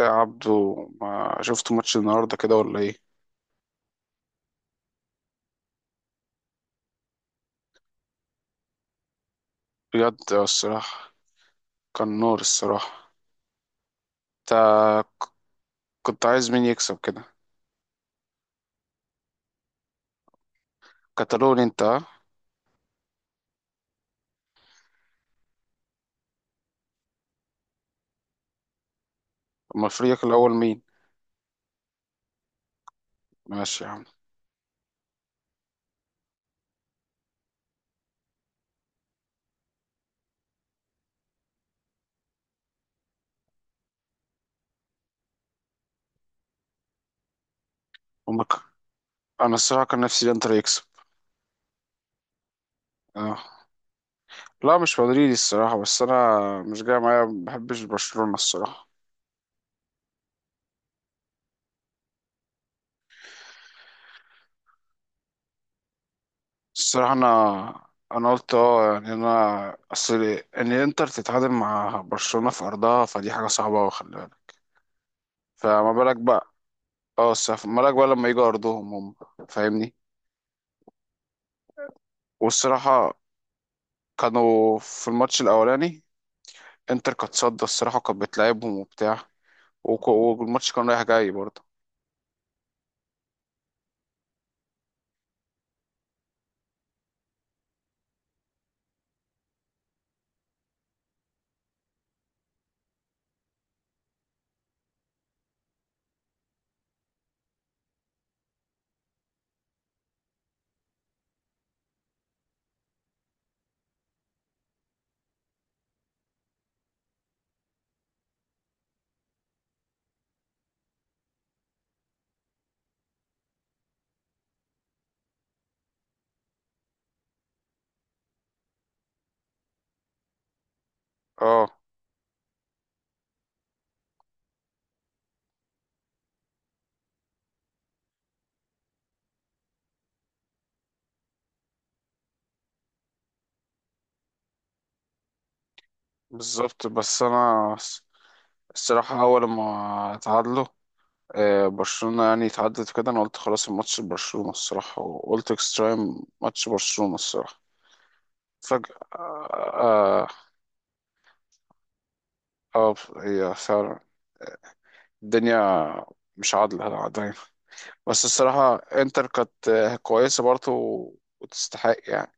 يا عبدو، ما شفت ماتش النهارده كده ولا ايه؟ بجد الصراحه، كان نار الصراحه. انت ك- كنت عايز مين يكسب كده؟ كتالوني انت ها؟ اما فريقك الاول مين؟ ماشي يا عم. امك. انا الصراحه كان نفسي الانتر يكسب. اه، لا مش مدريدي الصراحه، بس انا مش جاي معايا، ما بحبش برشلونه الصراحه. الصراحه انا قلت اه، يعني انا اصل ان الانتر تتعادل مع برشلونه في ارضها، فدي حاجه صعبه أوي، خلي بالك. فما بالك بقى. اه، استثمرك بقى لما يجوا ارضهم هم، فاهمني. والصراحه كانوا في الماتش الاولاني. انتر كانت صد الصراحه، كانت بتلعبهم وبتاع. والماتش كان رايح جاي برضه. اه بالظبط، بس انا الصراحه اول ما اتعادلوا برشلونه، يعني اتعدت كده، انا قلت خلاص الماتش برشلونه الصراحه، وقلت اكسترا تايم ماتش برشلونه الصراحه. فجاه هي فعلا. الدنيا مش عادله دايما. بس الصراحة انتر كانت كويسة برضه وتستحق يعني.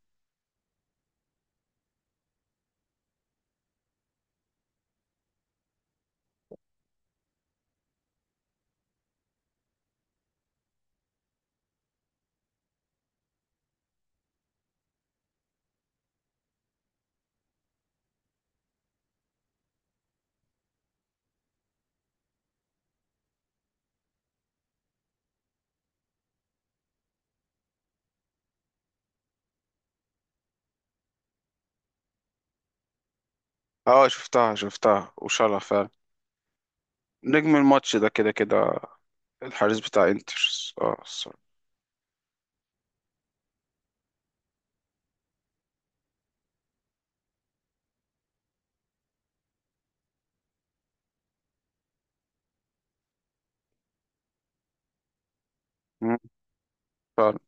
اه، شفتها شفتها وشالها فعلا. نجم الماتش ده كده كده الحارس بتاع انتر. اه الصراحة. مم، فعلا.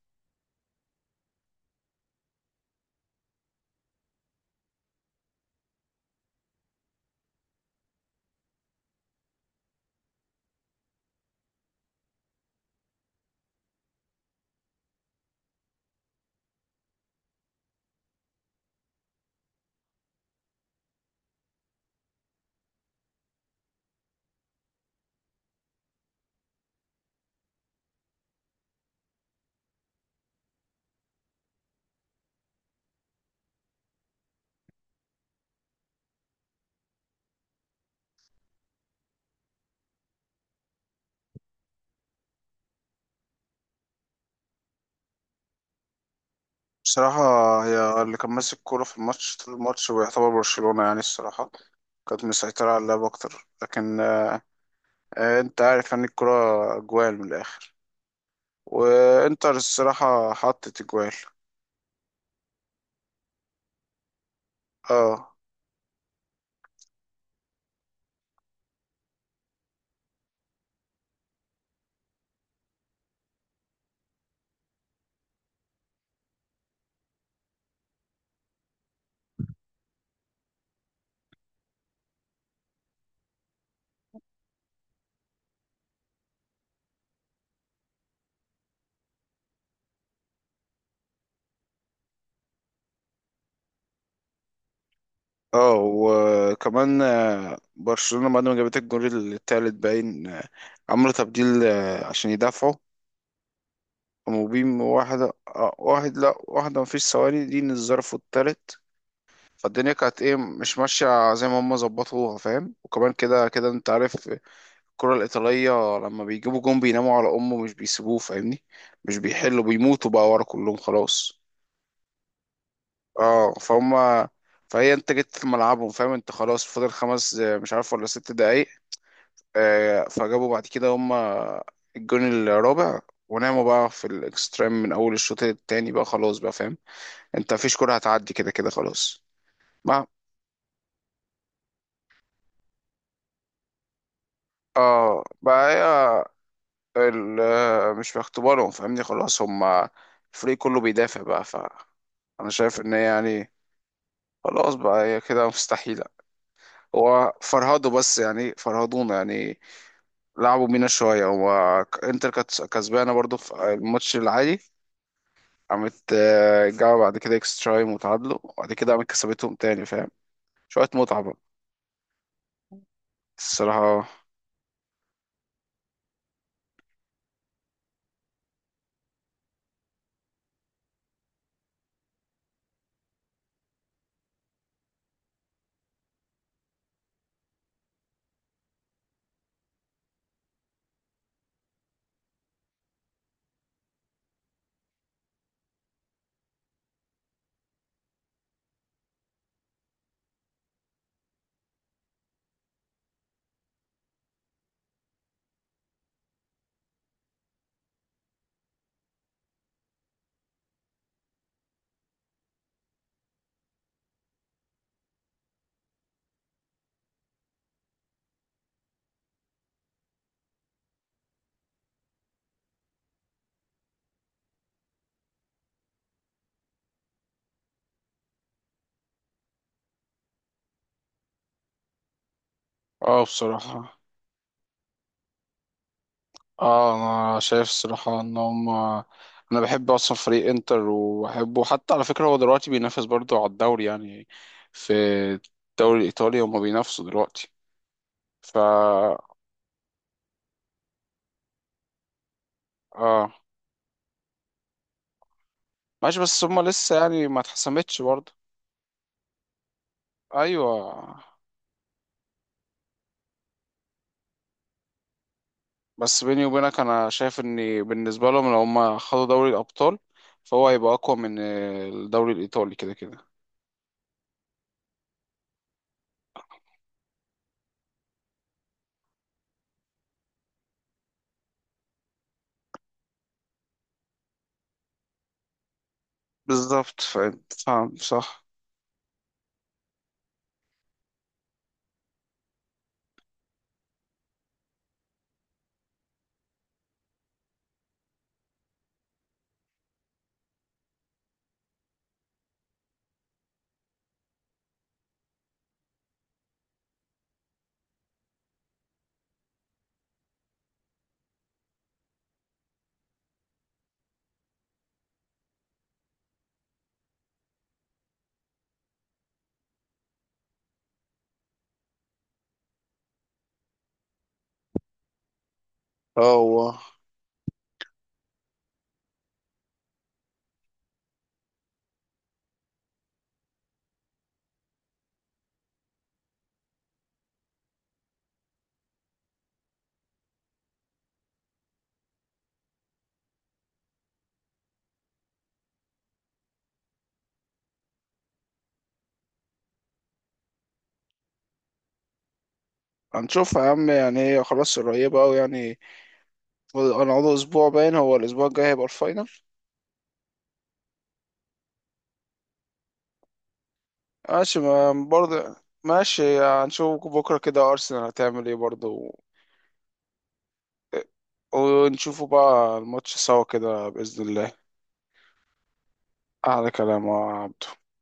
بصراحة هي اللي كان ماسك الكورة في الماتش طول الماتش، ويعتبر برشلونة يعني الصراحة كانت مسيطرة على اللعب أكتر، لكن أنت عارف يعني الكرة أجوال من الآخر. وإنتر الصراحة حطت أجوال. اه. اه وكمان برشلونة بعد ما جابت الجول التالت باين، عملوا تبديل عشان يدافعوا. قاموا بيم واحدة، واحد، لا واحدة، مفيش ثواني، دي الظرف التالت. فالدنيا كانت ايه، مش ماشية زي ما هم ظبطوها، فاهم؟ وكمان كده كده انت عارف الكرة الإيطالية لما بيجيبوا جون بيناموا على أمه، مش بيسيبوه، فاهمني. مش بيحلوا، بيموتوا بقى ورا كلهم خلاص. اه فهم. فهي انت جيت في ملعبهم، فاهم؟ انت خلاص فاضل 5، مش عارف، ولا 6 دقايق. فجابوا بعد كده هما الجون الرابع، وناموا بقى في الاكستريم من اول الشوط التاني بقى خلاص بقى، فاهم؟ انت مفيش كرة هتعدي، كده كده خلاص. ما. اه بقى هي مش في اختبارهم، فاهمني، خلاص هما الفريق كله بيدافع بقى، ف انا شايف ان هي يعني خلاص بقى، هي كده مستحيلة. هو فرهدوا، بس يعني فرهدونا يعني، لعبوا بينا شوية. هو انتر كانت كسبانة برضو في الماتش العادي، قامت جابوا بعد كده اكسترا تايم وتعادلوا، وبعد كده قامت كسبتهم تاني، فاهم؟ شوية متعة بقى. الصراحة. اه بصراحة. اه انا شايف الصراحة ان هم، انا بحب اصلا فريق انتر وبحبه، حتى على فكرة هو دلوقتي بينافس برضه على الدوري يعني. في الدوري الايطالي هم بينافسوا دلوقتي، فا. اه ماشي، بس هم لسه يعني ما اتحسمتش برضه. ايوه. بس بيني وبينك انا شايف ان بالنسبه لهم لو هم خدوا دوري الابطال، فهو هيبقى اقوى من الدوري الايطالي كده كده. بالظبط، فاهم فاهم صح. اه هو. هنشوف يا عم، يعني هي خلاص قريبة أوي يعني. هنقعد أسبوع باين، هو الأسبوع الجاي هيبقى الفاينل. ماشي، ما برضه. ماشي، هنشوف بكرة كده أرسنال هتعمل إيه برضه. ونشوفوا بقى الماتش سوا كده بإذن الله. أحلى كلام يا عبد.